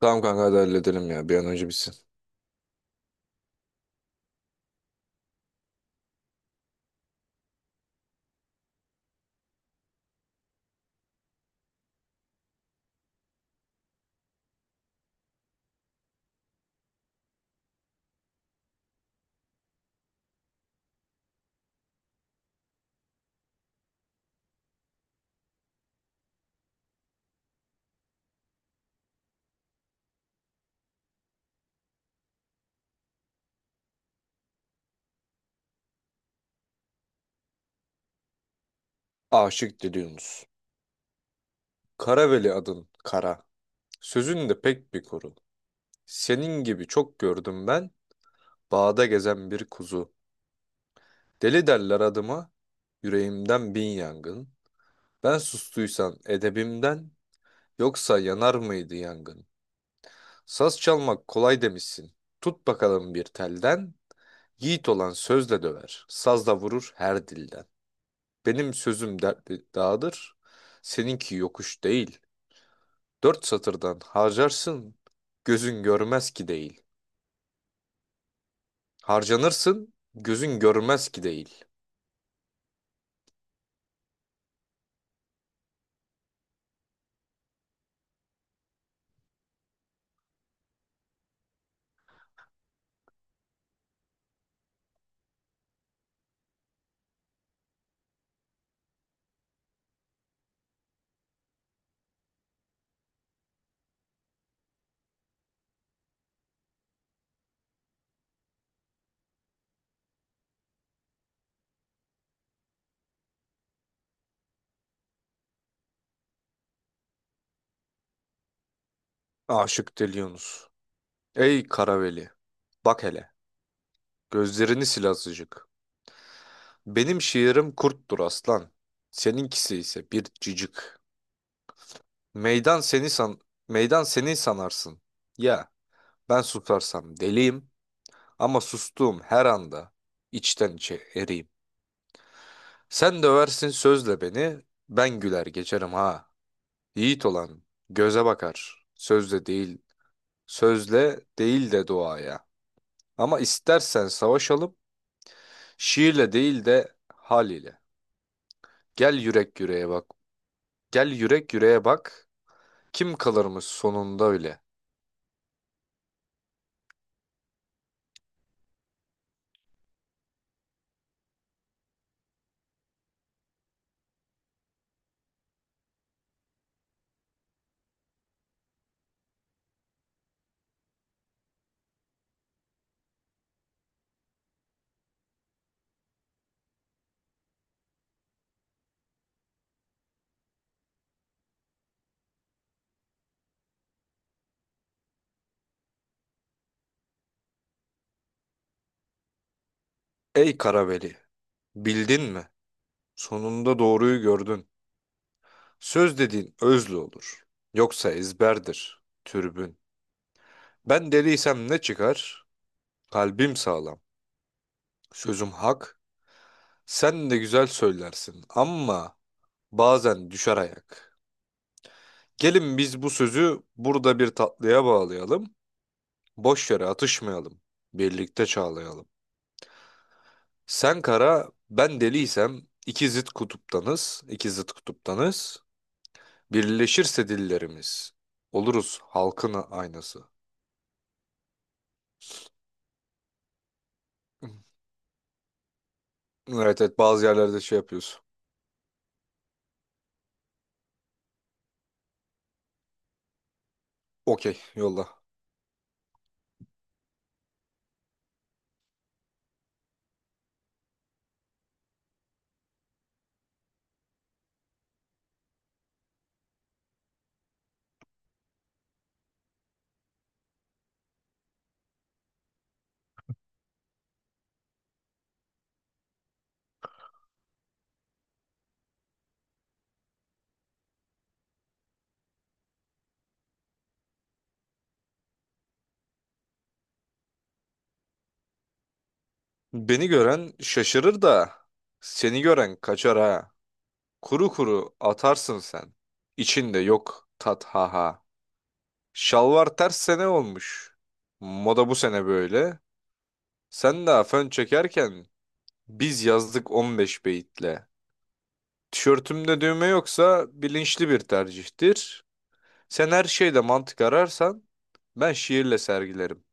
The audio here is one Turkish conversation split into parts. Tamam kanka hadi halledelim ya bir an önce bitsin. Aşık Diliyorsunuz. Karaveli adın kara. Sözün de pek bir kuru. Senin gibi çok gördüm ben. Bağda gezen bir kuzu. Deli derler adıma. Yüreğimden bin yangın. Ben sustuysan edebimden. Yoksa yanar mıydı yangın? Saz çalmak kolay demişsin. Tut bakalım bir telden. Yiğit olan sözle döver. Sazla vurur her dilden. Benim sözüm dertli dağdır. Seninki yokuş değil. Dört satırdan harcarsın, gözün görmez ki değil. Harcanırsın, gözün görmez ki değil. Aşık Deli Yunus. Ey Karaveli, bak hele, gözlerini sil azıcık. Benim şiirim kurttur aslan, seninkisi ise bir cicik. Meydan seni san, meydan seni sanarsın. Ya, ben susarsam deliyim ama sustuğum her anda içten içe eriyim. Sen döversin sözle beni, ben güler geçerim ha. Yiğit olan göze bakar, sözle değil, de duaya. Ama istersen savaşalım, şiirle değil de hal ile. Gel yürek yüreğe bak, gel yürek yüreğe bak, kim kalırmış sonunda öyle. Ey Karaveli, bildin mi? Sonunda doğruyu gördün. Söz dediğin özlü olur, yoksa ezberdir, türbün. Ben deliysem ne çıkar? Kalbim sağlam, sözüm hak, sen de güzel söylersin ama... bazen düşer ayak. Gelin biz bu sözü burada bir tatlıya bağlayalım. Boş yere atışmayalım. Birlikte çağlayalım. Sen kara, ben deliysem iki zıt kutuptanız, Birleşirse dillerimiz oluruz halkın aynası. Evet evet, bazı yerlerde şey yapıyoruz. Okey, yolla. Beni gören şaşırır da seni gören kaçar ha. Kuru kuru atarsın sen. İçinde yok tat ha ha. Şalvar ters sene olmuş. Moda bu sene böyle. Sen daha fön çekerken biz yazdık 15 beyitle. Tişörtümde düğme yoksa bilinçli bir tercihtir. Sen her şeyde mantık ararsan ben şiirle sergilerim.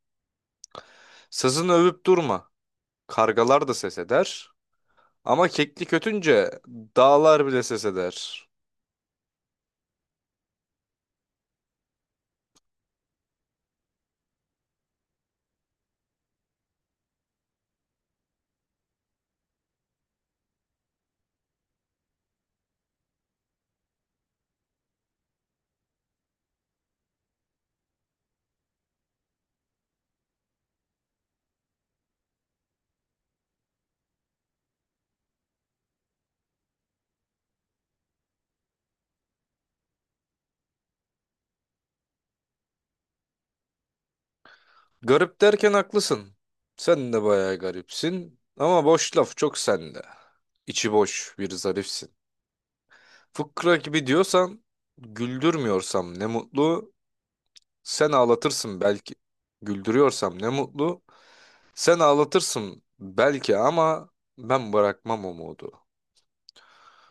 Sazını övüp durma. Kargalar da ses eder. Ama kekli kötünce dağlar bile ses eder. Garip derken haklısın. Sen de bayağı garipsin. Ama boş laf çok sende. İçi boş bir zarifsin. Fıkra gibi diyorsan güldürmüyorsam ne mutlu. Sen ağlatırsın belki. Güldürüyorsam ne mutlu. Sen ağlatırsın belki ama ben bırakmam umudu.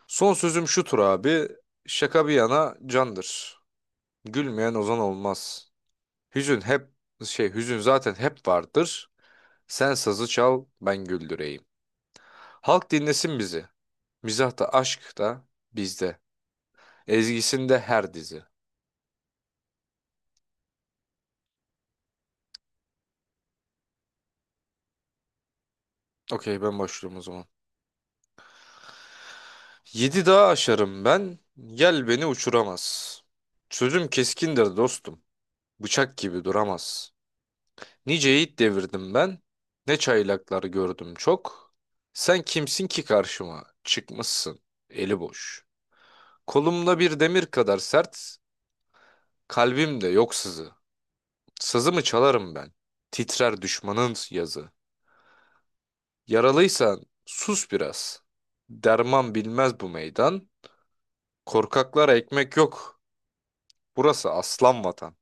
Son sözüm şudur abi. Şaka bir yana candır. Gülmeyen ozan olmaz. Hüzün hep hüzün zaten hep vardır. Sen sazı çal ben güldüreyim. Halk dinlesin bizi. Mizah da aşk da bizde. Ezgisinde her dizi. Okey, ben başlıyorum o zaman. Yedi dağı aşarım ben, yel beni uçuramaz. Sözüm keskindir dostum, bıçak gibi duramaz. Nice yiğit devirdim ben, ne çaylaklar gördüm çok. Sen kimsin ki karşıma, çıkmışsın, eli boş. Kolumda bir demir kadar sert, kalbimde yok sızı. Sazımı çalarım ben, titrer düşmanın yazı. Yaralıysan sus biraz, derman bilmez bu meydan. Korkaklara ekmek yok, burası aslan vatan.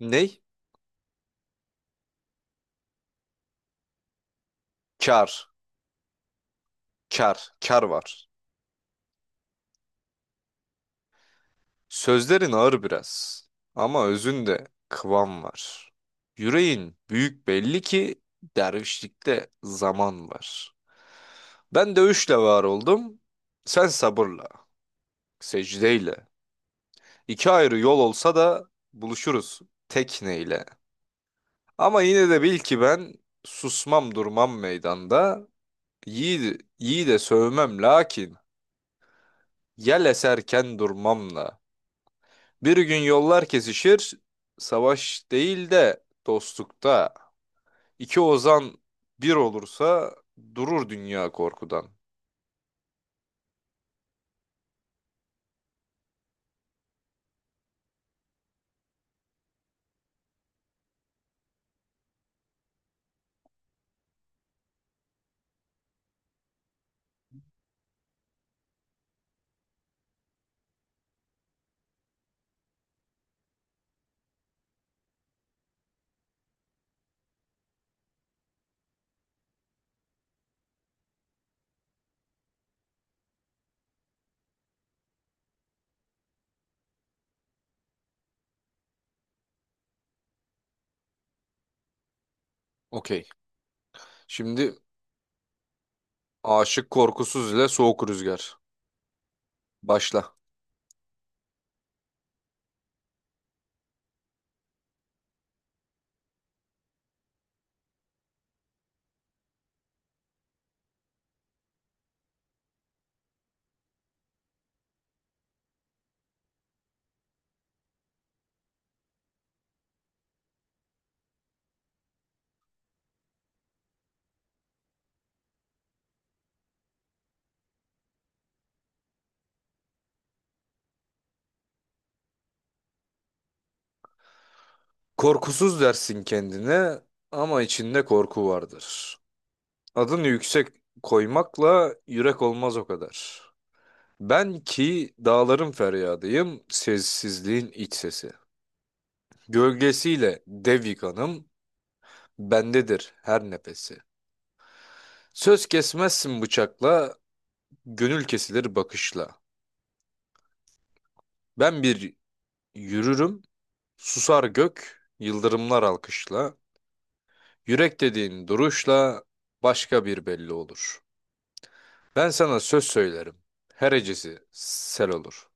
Ney? Kar. Kar. Kar var. Sözlerin ağır biraz. Ama özünde kıvam var. Yüreğin büyük belli ki dervişlikte zaman var. Ben dövüşle var oldum. Sen sabırla. Secdeyle. İki ayrı yol olsa da buluşuruz tekneyle. Ama yine de bil ki ben susmam durmam meydanda. Yiğidi, yiğide sövmem lakin yel eserken durmamla. Bir gün yollar kesişir, savaş değil de dostlukta. İki ozan bir olursa durur dünya korkudan. Okey. Şimdi aşık korkusuz ile soğuk rüzgar. Başla. Korkusuz dersin kendine ama içinde korku vardır. Adını yüksek koymakla yürek olmaz o kadar. Ben ki dağların feryadıyım, sessizliğin iç sesi. Gölgesiyle dev yıkanım, bendedir her nefesi. Söz kesmezsin bıçakla, gönül kesilir bakışla. Ben bir yürürüm, susar gök, yıldırımlar alkışla. Yürek dediğin duruşla başka bir belli olur. Ben sana söz söylerim, her hecesi sel olur.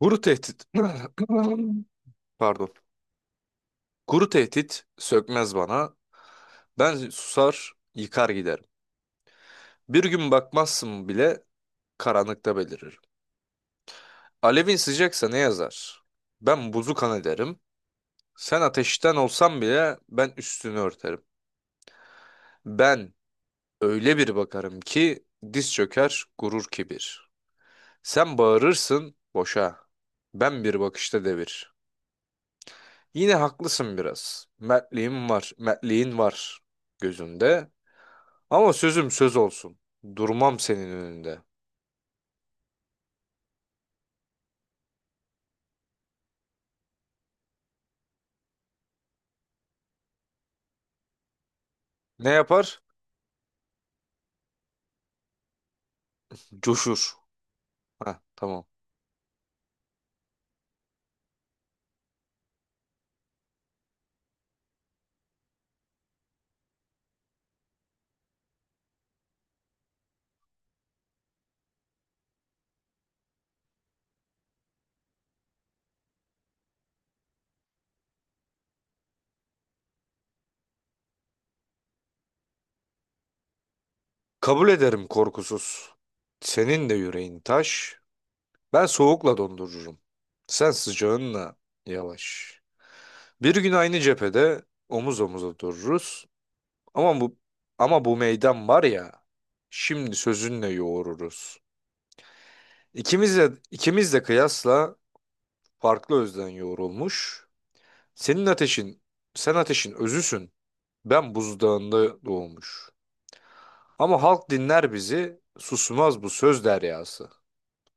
Kuru tehdit, pardon, kuru tehdit sökmez bana. Ben susar, yıkar giderim. Bir gün bakmazsın bile karanlıkta beliririm. Alevin sıcaksa ne yazar? Ben buzu kan ederim. Sen ateşten olsan bile ben üstünü örterim. Ben öyle bir bakarım ki diz çöker gurur kibir. Sen bağırırsın boşa. Ben bir bakışta devir. Yine haklısın biraz. Mertliğim var, mertliğin var gözünde. Ama sözüm söz olsun. Durmam senin önünde. Ne yapar? Coşur. Ha, tamam. Kabul ederim korkusuz. Senin de yüreğin taş. Ben soğukla dondururum. Sen sıcağınla yavaş. Bir gün aynı cephede omuz omuza dururuz. Ama bu ama bu meydan var ya. Şimdi sözünle yoğururuz. İkimiz de kıyasla farklı özden yoğrulmuş. Senin ateşin, sen ateşin özüsün. Ben buzdağında doğmuş. Ama halk dinler bizi, susmaz bu söz deryası.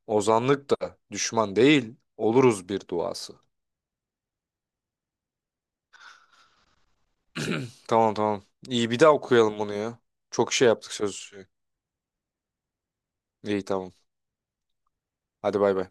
Ozanlık da düşman değil, oluruz bir duası. Tamam tamam. İyi, bir daha okuyalım bunu ya. Çok şey yaptık söz. İyi tamam. Hadi bay bay.